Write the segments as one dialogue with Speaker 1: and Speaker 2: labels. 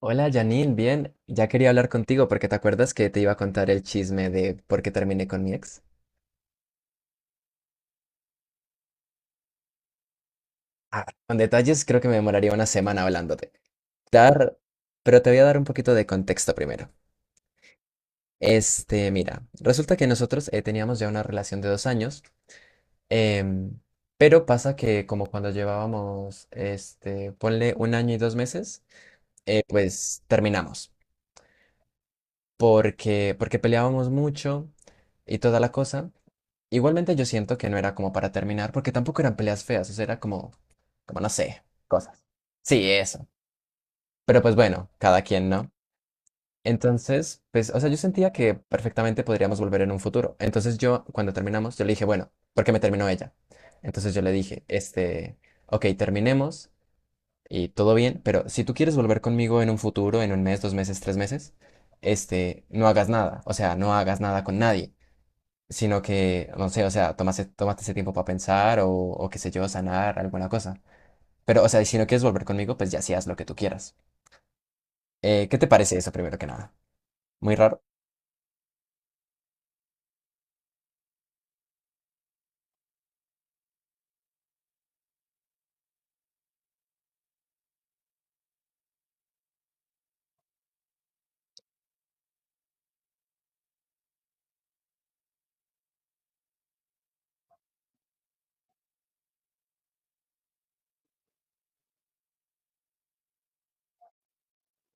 Speaker 1: Hola Janine, bien, ya quería hablar contigo porque te acuerdas que te iba a contar el chisme de por qué terminé con mi ex. Ah, con detalles creo que me demoraría una semana hablándote. Dar, pero te voy a dar un poquito de contexto primero. Mira, resulta que nosotros teníamos ya una relación de 2 años, em, pero pasa que como cuando llevábamos, ponle un año y 2 meses, pues terminamos porque peleábamos mucho y toda la cosa. Igualmente yo siento que no era como para terminar, porque tampoco eran peleas feas, o sea, era como, no sé, cosas. Sí, eso. Pero pues bueno, cada quien, ¿no? Entonces, pues, o sea, yo sentía que perfectamente podríamos volver en un futuro. Entonces yo, cuando terminamos, yo le dije, bueno, ¿por qué me terminó ella? Entonces yo le dije, ok, terminemos y todo bien, pero si tú quieres volver conmigo en un futuro, en un mes, 2 meses, 3 meses, no hagas nada, o sea, no hagas nada con nadie sino que, no sé, o sea, tomaste ese tiempo para pensar o qué sé yo, sanar alguna cosa. Pero, o sea, si no quieres volver conmigo, pues ya sí haz lo que tú quieras. ¿Qué te parece eso primero que nada? Muy raro.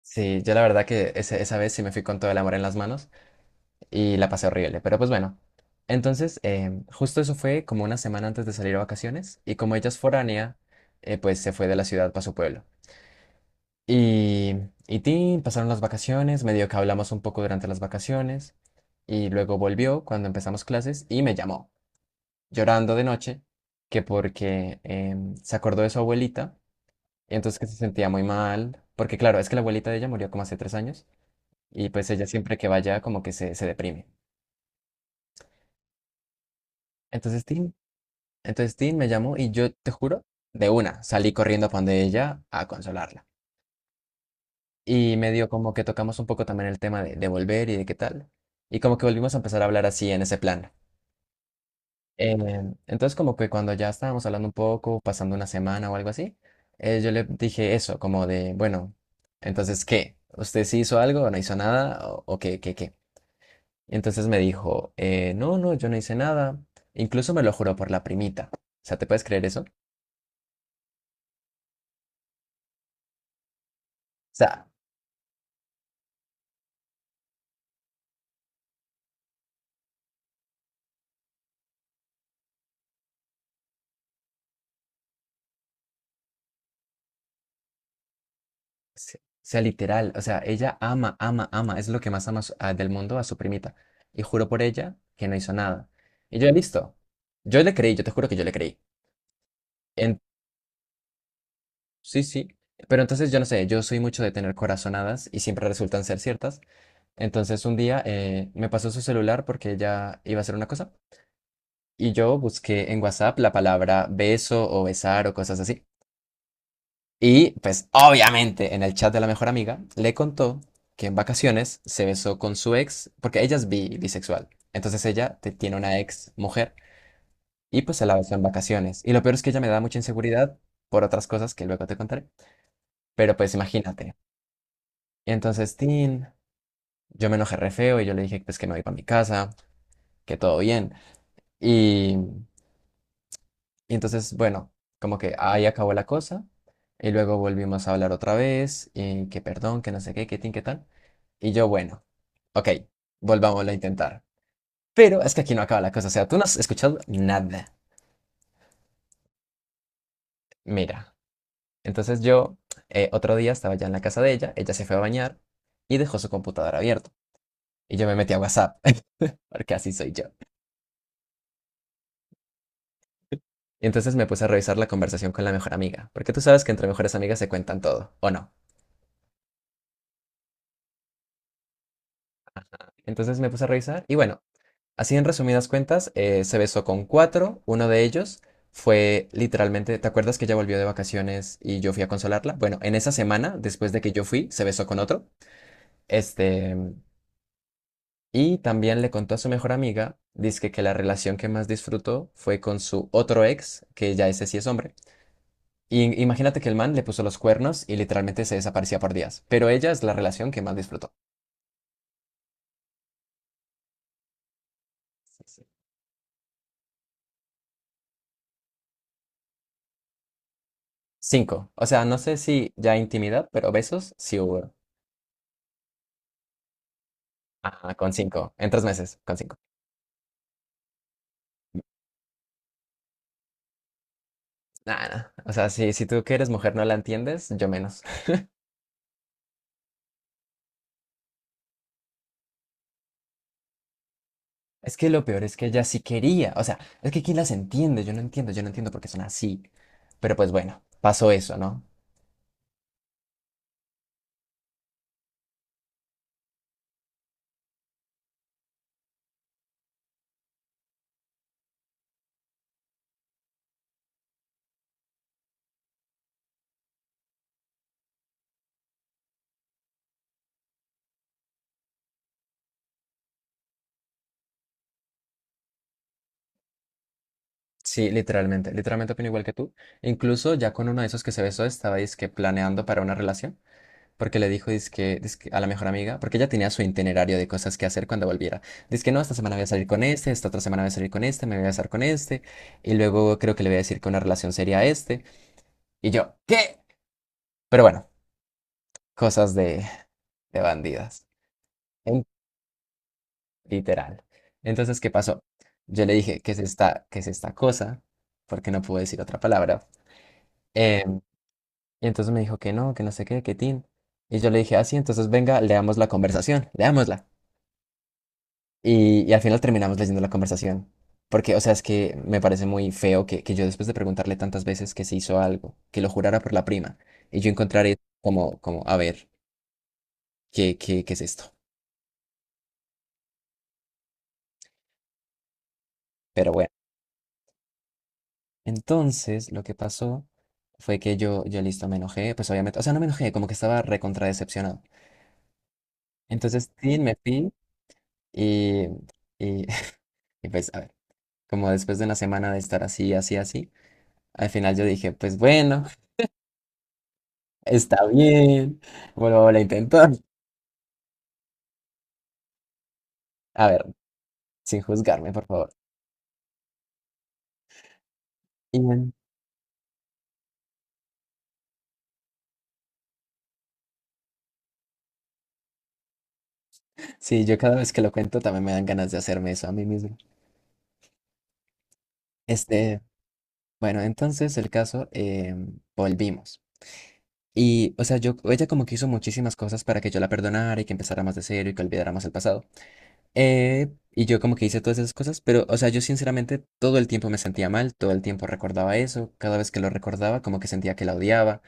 Speaker 1: Sí, yo la verdad que esa vez sí me fui con todo el amor en las manos y la pasé horrible, pero pues bueno. Entonces, justo eso fue como una semana antes de salir a vacaciones y como ella es foránea, pues se fue de la ciudad para su pueblo. Y, y tin, pasaron las vacaciones, medio que hablamos un poco durante las vacaciones, y luego volvió cuando empezamos clases y me llamó, llorando de noche, que porque se acordó de su abuelita, y entonces que se sentía muy mal, porque claro, es que la abuelita de ella murió como hace 3 años, y pues ella siempre que vaya como que se deprime. Entonces tin, entonces tin me llamó y yo te juro, de una, salí corriendo a donde ella a consolarla. Y medio como que tocamos un poco también el tema de volver y de qué tal. Y como que volvimos a empezar a hablar así en ese plan. Entonces como que cuando ya estábamos hablando un poco, pasando una semana o algo así, yo le dije eso, como de, bueno, entonces, ¿qué? ¿Usted sí hizo algo o no hizo nada? ¿O qué? Y entonces me dijo, no, no, yo no hice nada. Incluso me lo juró por la primita. O sea, ¿te puedes creer eso? O sea, o sea, literal, o sea, ella ama, ama, ama, es lo que más ama a del mundo a su primita. Y juro por ella que no hizo nada. Y yo, listo. Yo le creí, yo te juro que yo le creí. En- Sí, sí. Pero entonces yo no sé, yo soy mucho de tener corazonadas y siempre resultan ser ciertas. Entonces un día me pasó su celular porque ella iba a hacer una cosa. Y yo busqué en WhatsApp la palabra beso o besar o cosas así. Y pues obviamente en el chat de la mejor amiga le contó que en vacaciones se besó con su ex, porque ella es bisexual. Entonces ella tiene una ex mujer y pues se la besó en vacaciones. Y lo peor es que ella me da mucha inseguridad por otras cosas que luego te contaré. Pero pues imagínate. Y entonces, tin, yo me enojé re feo y yo le dije pues que me voy para mi casa, que todo bien. Y Y entonces, bueno, como que ahí acabó la cosa. Y luego volvimos a hablar otra vez, y que perdón, que no sé qué, que tin, que tan. Y yo, bueno, ok, volvámoslo a intentar. Pero es que aquí no acaba la cosa, o sea, tú no has escuchado nada. Mira, entonces yo otro día estaba ya en la casa de ella, ella se fue a bañar y dejó su computadora abierto. Y yo me metí a WhatsApp, porque así soy yo. Y entonces me puse a revisar la conversación con la mejor amiga, porque tú sabes que entre mejores amigas se cuentan todo, ¿o no? Entonces me puse a revisar y bueno, así en resumidas cuentas, se besó con cuatro. Uno de ellos fue literalmente, ¿te acuerdas que ella volvió de vacaciones y yo fui a consolarla? Bueno, en esa semana, después de que yo fui, se besó con otro. Este, y también le contó a su mejor amiga, dizque que la relación que más disfrutó fue con su otro ex, que ya ese sí es hombre. Y imagínate que el man le puso los cuernos y literalmente se desaparecía por días. Pero ella es la relación que más disfrutó. Sí, sí. Cinco. O sea, no sé si ya intimidad, pero besos sí hubo. Ah, con cinco, en 3 meses, con cinco. Nada, o sea, si tú que eres mujer no la entiendes, yo menos. Es que lo peor es que ella sí quería, o sea, es que ¿quién las entiende? Yo no entiendo por qué son así. Pero pues bueno, pasó eso, ¿no? Sí, literalmente, literalmente opino igual que tú. Incluso ya con uno de esos que se besó, estaba que planeando para una relación. Porque le dijo, dizque, dizque a la mejor amiga, porque ella tenía su itinerario de cosas que hacer cuando volviera. Dice que no, esta semana voy a salir con este, esta otra semana voy a salir con este, me voy a besar con este, y luego creo que le voy a decir que una relación sería este. Y yo, ¿qué? Pero bueno, cosas de bandidas, en- literal. Entonces, ¿qué pasó? Yo le dije, ¿qué es esta cosa? Porque no pude decir otra palabra. Em, y entonces me dijo que no sé qué, que tin. Y yo le dije, así, entonces venga, leamos la conversación, leámosla. Y al final terminamos leyendo la conversación. Porque, o sea, es que me parece muy feo que yo después de preguntarle tantas veces que se hizo algo, que lo jurara por la prima, y yo encontraré a ver, ¿qué es esto? Pero bueno. Entonces, lo que pasó fue que yo listo, me enojé, pues obviamente, o sea, no me enojé, como que estaba recontra decepcionado. Entonces, sí, me fui y, y, y pues, a ver, como después de una semana de estar así, así, así, al final yo dije, pues bueno, está bien. Vuelvo a intentar. A ver, sin juzgarme, por favor. Y, mm, sí, yo cada vez que lo cuento también me dan ganas de hacerme eso a mí mismo. Este, bueno, entonces el caso, volvimos. Y, o sea, yo, ella como que hizo muchísimas cosas para que yo la perdonara y que empezara más de cero y que olvidáramos el pasado. Y yo como que hice todas esas cosas, pero, o sea, yo sinceramente todo el tiempo me sentía mal, todo el tiempo recordaba eso, cada vez que lo recordaba como que sentía que la odiaba.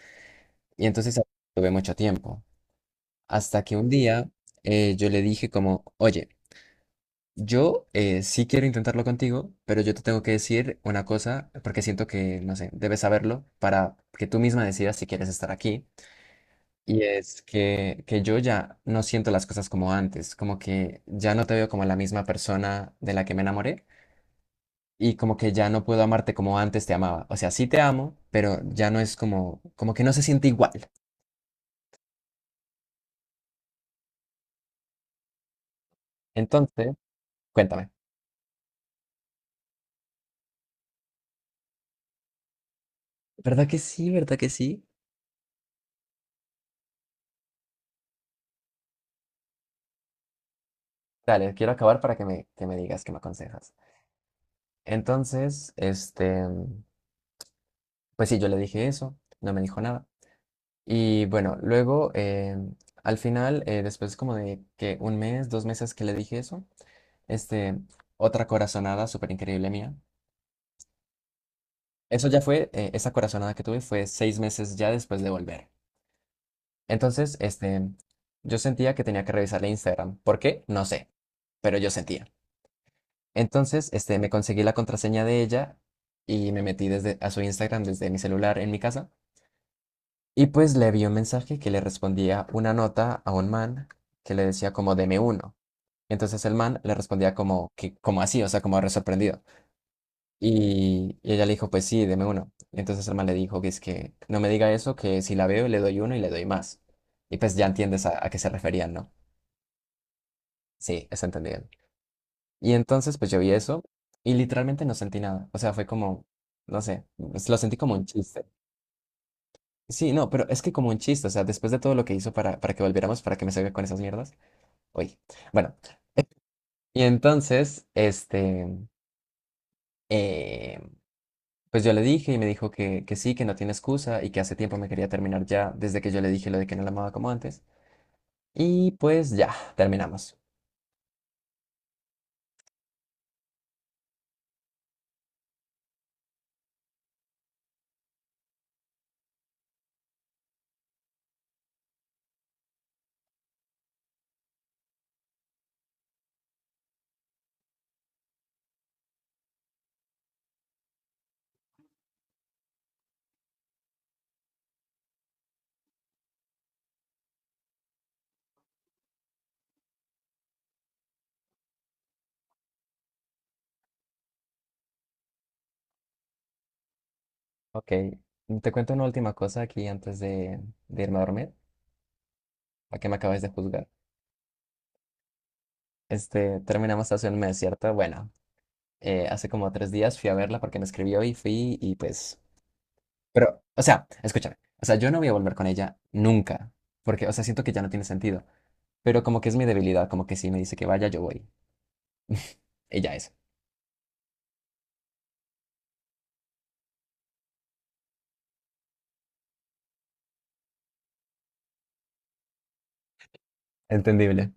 Speaker 1: Y entonces tuve mucho tiempo. Hasta que un día yo le dije como, oye, yo sí quiero intentarlo contigo, pero yo te tengo que decir una cosa, porque siento que, no sé, debes saberlo para que tú misma decidas si quieres estar aquí. Y es que yo ya no siento las cosas como antes, como que ya no te veo como la misma persona de la que me enamoré y como que ya no puedo amarte como antes te amaba. O sea, sí te amo, pero ya no es como, como que no se siente igual. Entonces, cuéntame. ¿Verdad que sí? ¿Verdad que sí? Dale, quiero acabar para que me digas, que me aconsejas. Entonces, pues sí, yo le dije eso, no me dijo nada. Y bueno, luego, al final, después como de que un mes, 2 meses que le dije eso, este, otra corazonada súper increíble mía. Eso ya fue, esa corazonada que tuve fue 6 meses ya después de volver. Entonces, yo sentía que tenía que revisarle Instagram. ¿Por qué? No sé, pero yo sentía. Entonces, me conseguí la contraseña de ella y me metí desde a su Instagram desde mi celular en mi casa. Y pues le vi un mensaje que le respondía una nota a un man que le decía como deme uno. Entonces el man le respondía como que como así, o sea, como re sorprendido. Y ella le dijo, pues sí, deme uno. Y entonces el man le dijo que es que no me diga eso, que si la veo le doy uno y le doy más. Y pues ya entiendes a qué se referían, ¿no? Sí, es entendido. Y entonces pues yo vi eso y literalmente no sentí nada. O sea, fue como, no sé, pues, lo sentí como un chiste. Sí, no, pero es que como un chiste, o sea, después de todo lo que hizo para que volviéramos, para que me salga con esas mierdas. Uy. Bueno, y entonces, eh, pues yo le dije y me dijo que sí, que no tiene excusa y que hace tiempo me quería terminar ya, desde que yo le dije lo de que no la amaba como antes. Y pues ya, terminamos. Ok, te cuento una última cosa aquí antes de irme a dormir, para que me acabes de juzgar. Terminamos hace un mes, ¿cierto? Bueno, hace como 3 días fui a verla porque me escribió y fui y pues... Pero, o sea, escúchame, o sea, yo no voy a volver con ella nunca, porque, o sea, siento que ya no tiene sentido. Pero como que es mi debilidad, como que si me dice que vaya, yo voy. Ella es. Entendible.